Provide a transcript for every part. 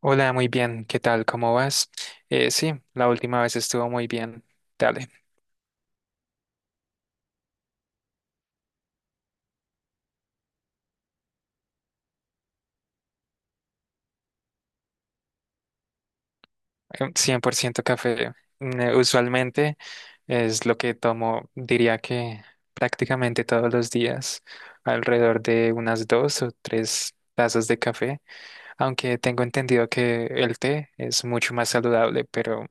Hola, muy bien. ¿Qué tal? ¿Cómo vas? Sí, la última vez estuvo muy bien. Dale, 100% café. Usualmente es lo que tomo, diría que prácticamente todos los días, alrededor de unas dos o tres tazas de café, aunque tengo entendido que el té es mucho más saludable, pero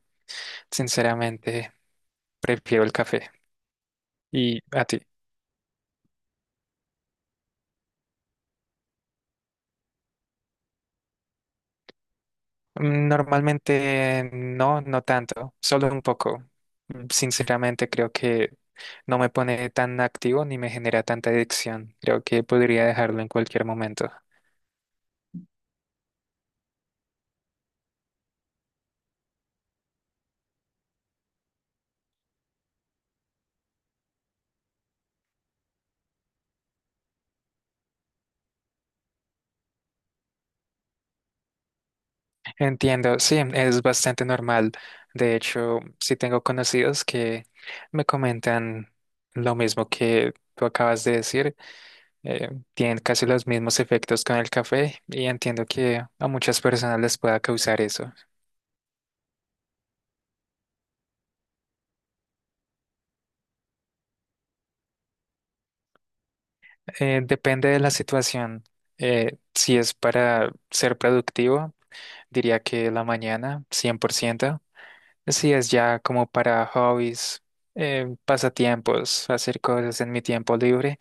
sinceramente prefiero el café. ¿Y a ti? Normalmente no, no tanto, solo un poco. Sinceramente creo que no me pone tan activo ni me genera tanta adicción. Creo que podría dejarlo en cualquier momento. Entiendo, sí, es bastante normal. De hecho, sí tengo conocidos que me comentan lo mismo que tú acabas de decir. Tienen casi los mismos efectos con el café y entiendo que a muchas personas les pueda causar eso. Depende de la situación. Si es para ser productivo, diría que la mañana, 100%. Así es, ya como para hobbies, pasatiempos, hacer cosas en mi tiempo libre,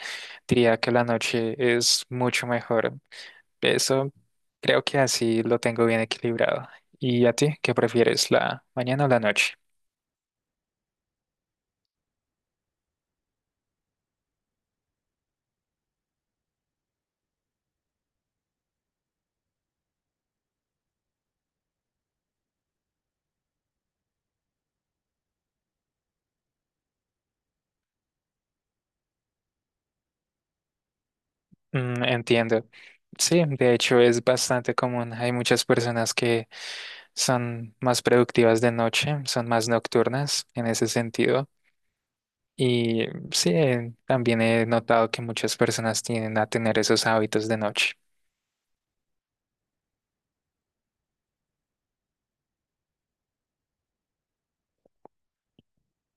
diría que la noche es mucho mejor. Eso creo que así lo tengo bien equilibrado. ¿Y a ti qué prefieres, la mañana o la noche? Entiendo. Sí, de hecho es bastante común. Hay muchas personas que son más productivas de noche, son más nocturnas en ese sentido. Y sí, también he notado que muchas personas tienden a tener esos hábitos de noche.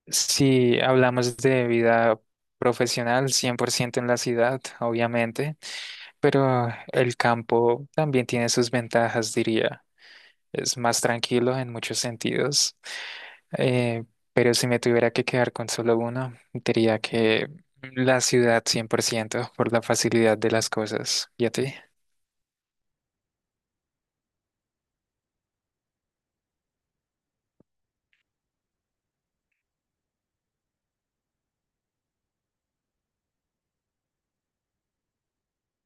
Si hablamos de vida profesional, 100% en la ciudad, obviamente, pero el campo también tiene sus ventajas, diría. Es más tranquilo en muchos sentidos, eh, pero si me tuviera que quedar con solo uno, diría que la ciudad 100% por la facilidad de las cosas. ¿Y a ti?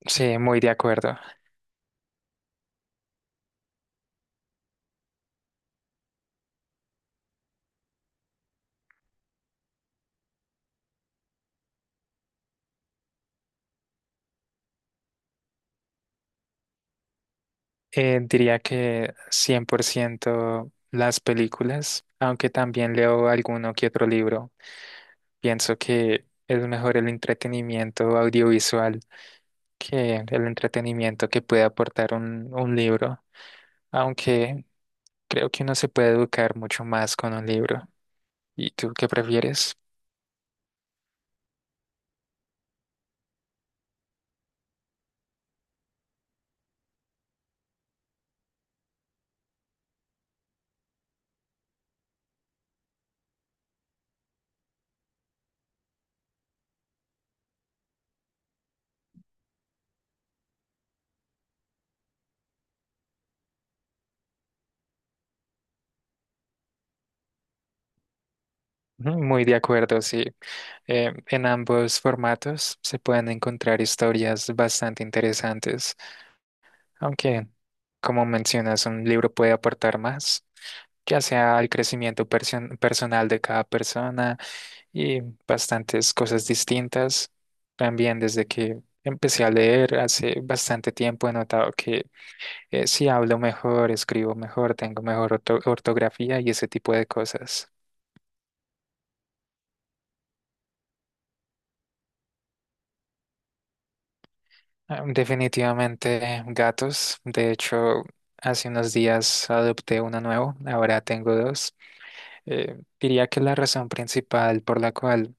Sí, muy de acuerdo. Diría que 100% las películas, aunque también leo alguno que otro libro. Pienso que es mejor el entretenimiento audiovisual que el entretenimiento que puede aportar un, libro, aunque creo que uno se puede educar mucho más con un libro. ¿Y tú qué prefieres? Ujú, muy de acuerdo, sí. En ambos formatos se pueden encontrar historias bastante interesantes. Aunque, como mencionas, un libro puede aportar más, ya sea al crecimiento personal de cada persona y bastantes cosas distintas. También desde que empecé a leer hace bastante tiempo he notado que sí hablo mejor, escribo mejor, tengo mejor ortografía y ese tipo de cosas. Ah, definitivamente gatos. De hecho, hace unos días adopté uno nuevo, ahora tengo dos. Diría que la razón principal por la cual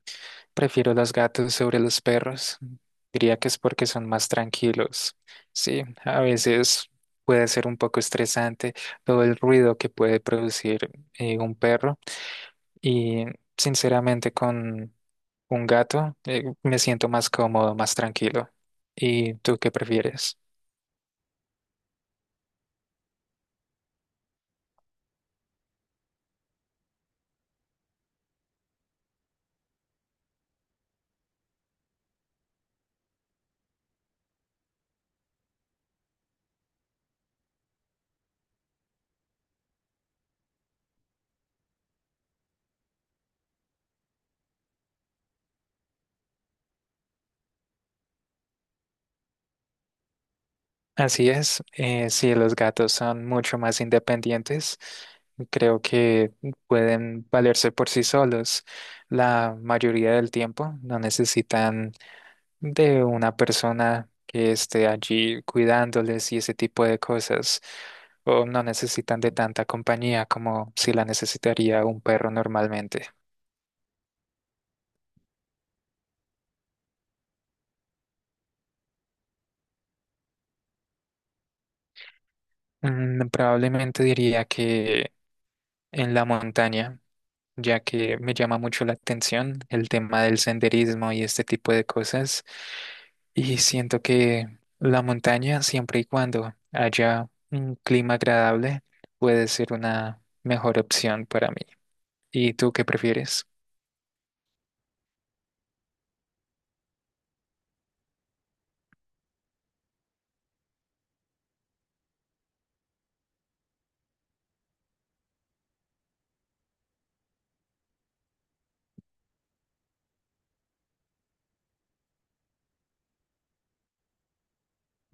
prefiero los gatos sobre los perros, diría que es porque son más tranquilos. Sí, a veces puede ser un poco estresante todo el ruido que puede producir un perro y sinceramente con un gato, me siento más cómodo, más tranquilo. ¿Y tú qué prefieres? Así es, sí, los gatos son mucho más independientes. Creo que pueden valerse por sí solos la mayoría del tiempo. No necesitan de una persona que esté allí cuidándoles y ese tipo de cosas. O no necesitan de tanta compañía como si la necesitaría un perro normalmente. Probablemente diría que en la montaña, ya que me llama mucho la atención el tema del senderismo y este tipo de cosas. Y siento que la montaña, siempre y cuando haya un clima agradable, puede ser una mejor opción para mí. ¿Y tú qué prefieres?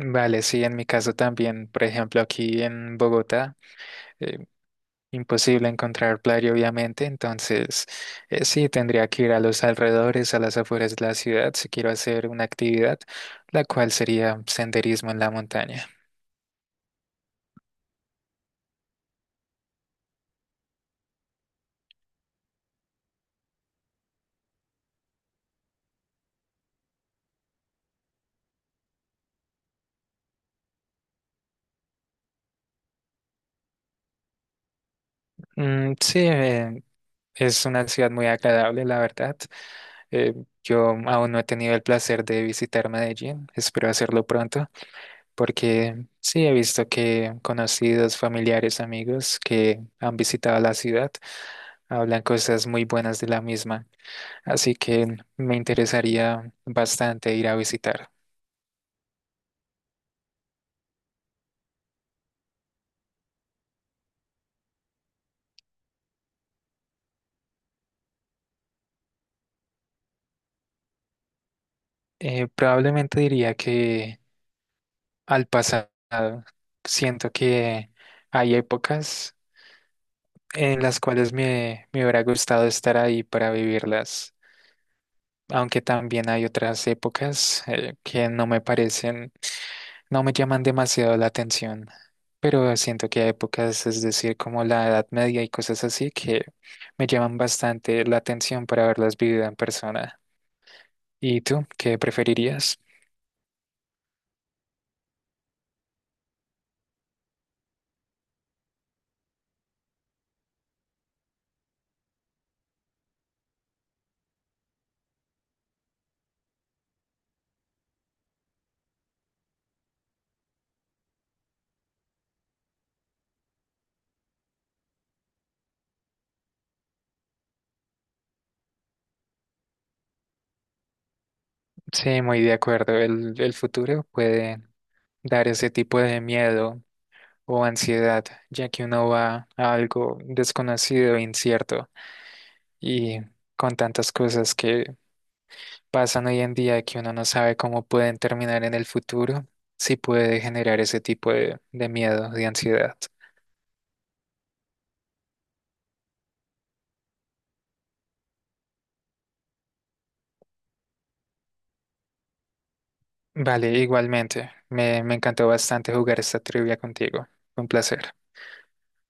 Vale, sí, en mi caso también, por ejemplo, aquí en Bogotá, imposible encontrar playa, obviamente, entonces sí tendría que ir a los alrededores, a las afueras de la ciudad, si quiero hacer una actividad, la cual sería senderismo en la montaña. Sí, es una ciudad muy agradable, la verdad. Eh, yo aún no he tenido el placer de visitar Medellín, espero hacerlo pronto, porque sí he visto que conocidos, familiares, amigos que han visitado la ciudad hablan cosas muy buenas de la misma. Así que me interesaría bastante ir a visitar. Probablemente diría que al pasado, siento que hay épocas en las cuales me hubiera gustado estar ahí para vivirlas, aunque también hay otras épocas que no me parecen, no me llaman demasiado la atención. Pero siento que hay épocas, es decir, como la Edad Media y cosas así, que me llaman bastante la atención para haberlas vivido en persona. ¿Y tú qué preferirías? Sí, muy de acuerdo. El futuro puede dar ese tipo de miedo o ansiedad, ya que uno va a algo desconocido e incierto y con tantas cosas que pasan hoy en día que uno no sabe cómo pueden terminar en el futuro, sí puede generar ese tipo de miedo, de ansiedad. Vale, igualmente. Me encantó bastante jugar esta trivia contigo. Un placer.